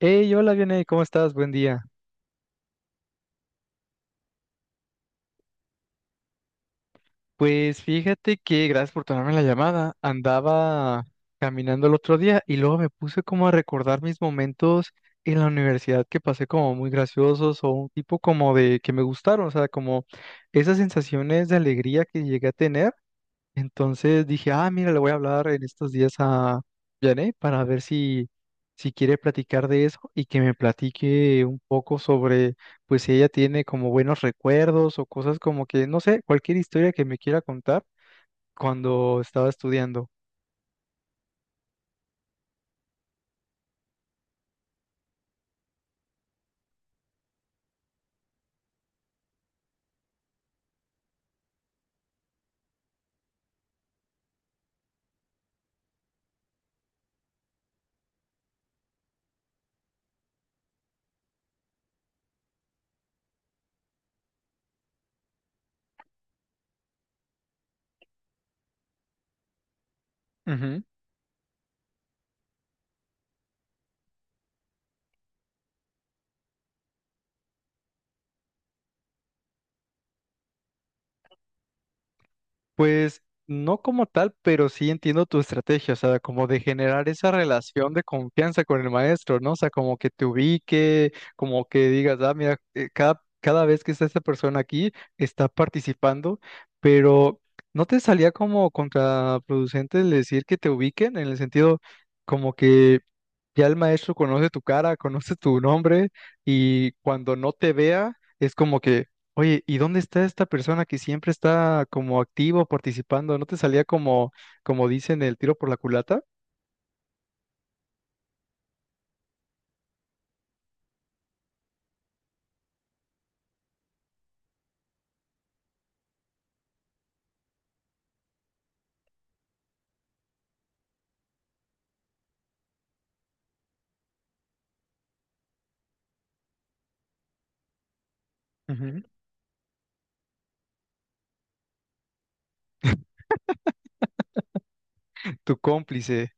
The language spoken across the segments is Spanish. Hey, hola, Vianey, ¿cómo estás? Buen día. Pues fíjate que, gracias por tomarme la llamada, andaba caminando el otro día y luego me puse como a recordar mis momentos en la universidad que pasé como muy graciosos o un tipo como de que me gustaron, o sea, como esas sensaciones de alegría que llegué a tener. Entonces dije, ah, mira, le voy a hablar en estos días a Janet para ver si quiere platicar de eso y que me platique un poco sobre, pues si ella tiene como buenos recuerdos o cosas como que, no sé, cualquier historia que me quiera contar cuando estaba estudiando. Pues no como tal, pero sí entiendo tu estrategia, o sea, como de generar esa relación de confianza con el maestro, ¿no? O sea, como que te ubique, como que digas, ah, mira, cada vez que está esta persona aquí, está participando, pero ¿no te salía como contraproducente el decir que te ubiquen en el sentido como que ya el maestro conoce tu cara, conoce tu nombre y cuando no te vea... Es como que, oye, ¿y dónde está esta persona que siempre está como activo participando? ¿No te salía como, como dicen, el tiro por la culata? Ujú. Tu cómplice.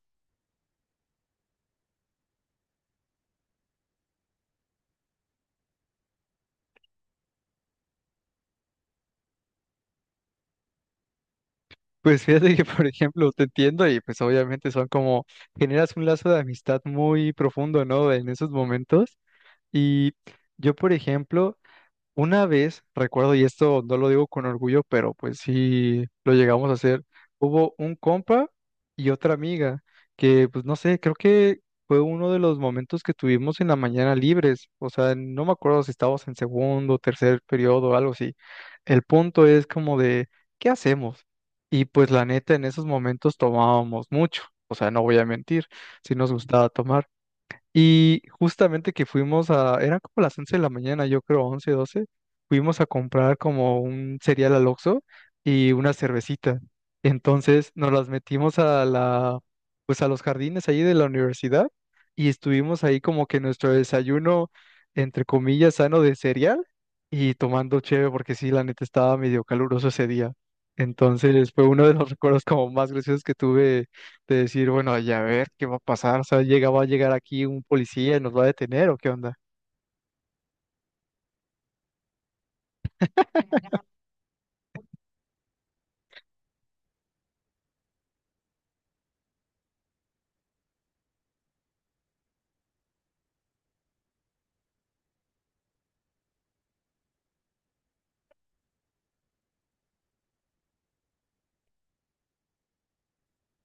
Pues fíjate que, por ejemplo, te entiendo y pues obviamente son como, generas un lazo de amistad muy profundo, ¿no? En esos momentos. Y yo, por ejemplo, una vez, recuerdo, y esto no lo digo con orgullo, pero pues sí lo llegamos a hacer, hubo un compa y otra amiga que, pues no sé, creo que fue uno de los momentos que tuvimos en la mañana libres, o sea, no me acuerdo si estábamos en segundo, tercer periodo o algo así. El punto es como de, ¿qué hacemos? Y pues la neta, en esos momentos tomábamos mucho, o sea, no voy a mentir, si nos gustaba tomar. Y justamente que fuimos a, eran como las 11 de la mañana, yo creo 11, 12, fuimos a comprar como un cereal al Oxxo y una cervecita. Entonces nos las metimos a la, pues a los jardines ahí de la universidad y estuvimos ahí como que nuestro desayuno, entre comillas, sano de cereal y tomando cheve porque sí, la neta estaba medio caluroso ese día. Entonces fue uno de los recuerdos como más graciosos que tuve de decir, bueno, ya a ver qué va a pasar, o sea, va a llegar aquí un policía y nos va a detener o qué onda.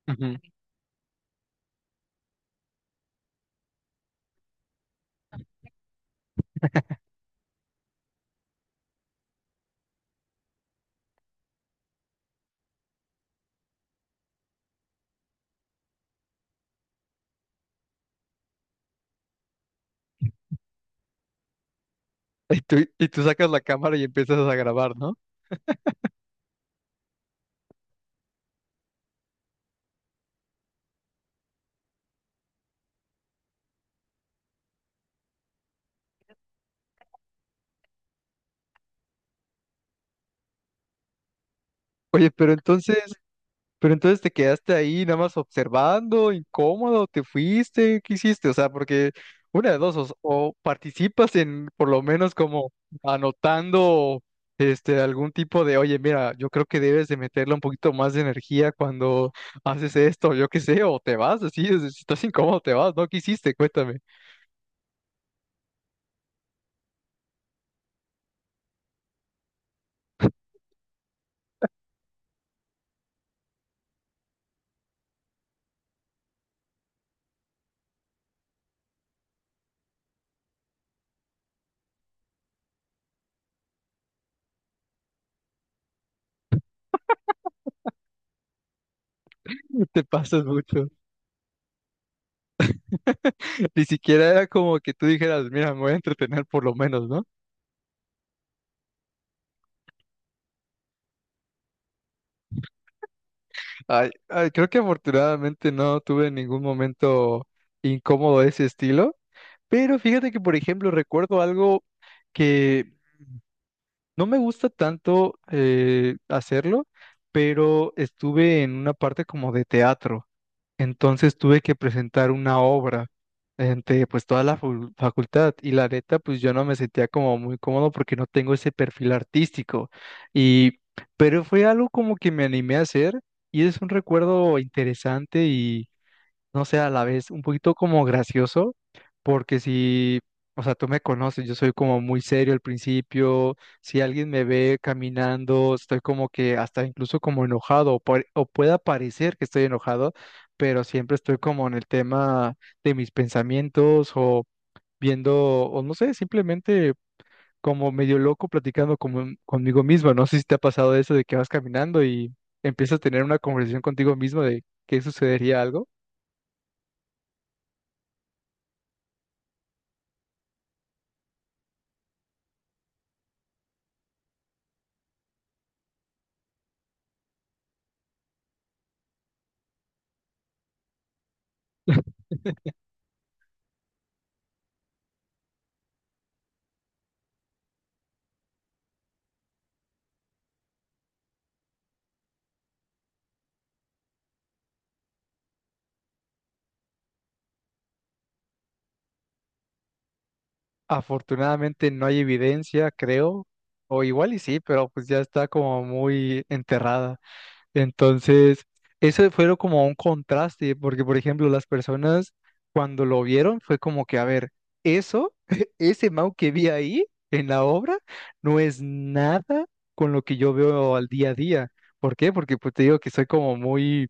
Ujú. Y tú sacas la cámara y empiezas a grabar, ¿no? Oye, pero entonces te quedaste ahí nada más observando, incómodo, te fuiste, ¿qué hiciste? O sea, porque una de dos, o participas en por lo menos como anotando este algún tipo de, oye, mira, yo creo que debes de meterle un poquito más de energía cuando haces esto, yo qué sé, o te vas, así, si estás incómodo, te vas, ¿no? ¿Qué hiciste? Cuéntame. Te pasas mucho. Ni siquiera era como que tú dijeras, mira, me voy a entretener por lo menos, ¿no? Ay, ay, creo que afortunadamente no tuve ningún momento incómodo de ese estilo, pero fíjate que, por ejemplo, recuerdo algo que no me gusta tanto hacerlo, pero estuve en una parte como de teatro. Entonces tuve que presentar una obra ante pues toda la facultad y la neta pues yo no me sentía como muy cómodo porque no tengo ese perfil artístico y pero fue algo como que me animé a hacer y es un recuerdo interesante, no sé, a la vez un poquito como gracioso, porque si, o sea, tú me conoces, yo soy como muy serio al principio, si alguien me ve caminando, estoy como que hasta incluso como enojado, o pueda parecer que estoy enojado, pero siempre estoy como en el tema de mis pensamientos o viendo, o no sé, simplemente como medio loco platicando como, conmigo mismo. No sé si te ha pasado eso de que vas caminando y empiezas a tener una conversación contigo mismo de qué sucedería algo. Afortunadamente no hay evidencia, creo, o igual y sí, pero pues ya está como muy enterrada. Entonces, eso fue como un contraste, porque por ejemplo, las personas cuando lo vieron fue como que, a ver, eso, ese Mau que vi ahí en la obra, no es nada con lo que yo veo al día a día. ¿Por qué? Porque pues te digo que soy como muy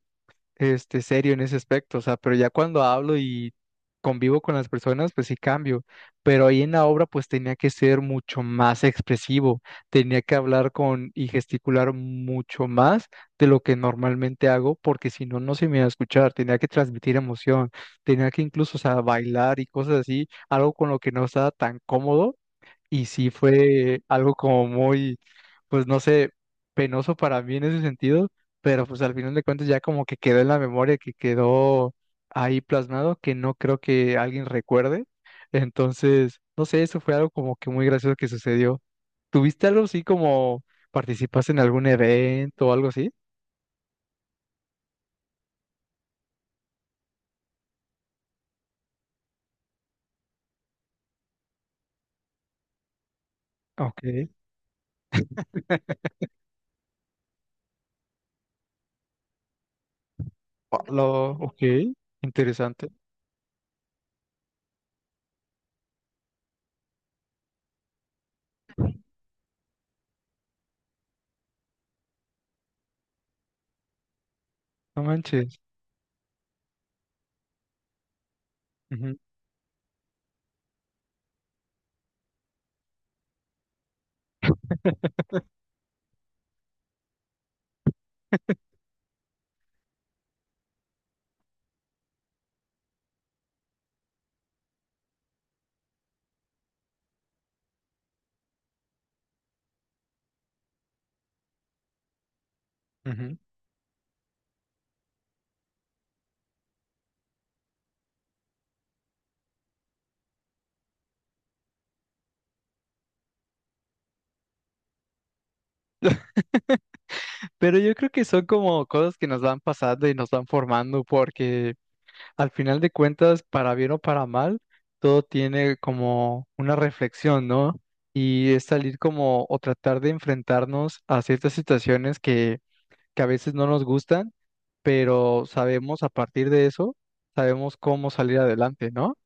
serio en ese aspecto, o sea, pero ya cuando hablo y convivo con las personas, pues sí cambio, pero ahí en la obra pues tenía que ser mucho más expresivo, tenía que hablar con y gesticular mucho más de lo que normalmente hago, porque si no, no se me iba a escuchar, tenía que transmitir emoción, tenía que incluso, o sea, bailar y cosas así, algo con lo que no estaba tan cómodo y sí fue algo como muy, pues no sé, penoso para mí en ese sentido, pero pues al final de cuentas ya como que quedó en la memoria, que quedó ahí plasmado, que no creo que alguien recuerde. Entonces, no sé, eso fue algo como que muy gracioso que sucedió. ¿Tuviste algo así como participaste en algún evento o algo así? Ok. Ah, ok, interesante. No manches. Ujú, ujú. Pero yo creo que son como cosas que nos van pasando y nos van formando, porque al final de cuentas, para bien o para mal, todo tiene como una reflexión, ¿no? Y es salir como o tratar de enfrentarnos a ciertas situaciones que a veces no nos gustan, pero sabemos a partir de eso, sabemos cómo salir adelante, ¿no?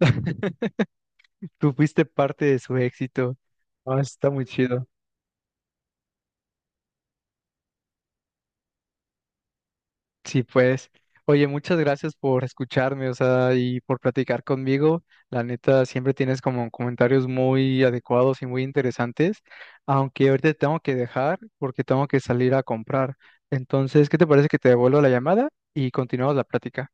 Tú fuiste parte de su éxito. Ah, está muy chido. Sí, pues. Oye, muchas gracias por escucharme, o sea, y por platicar conmigo. La neta, siempre tienes como comentarios muy adecuados y muy interesantes, aunque ahorita te tengo que dejar porque tengo que salir a comprar. Entonces, ¿qué te parece que te devuelvo la llamada y continuamos la plática?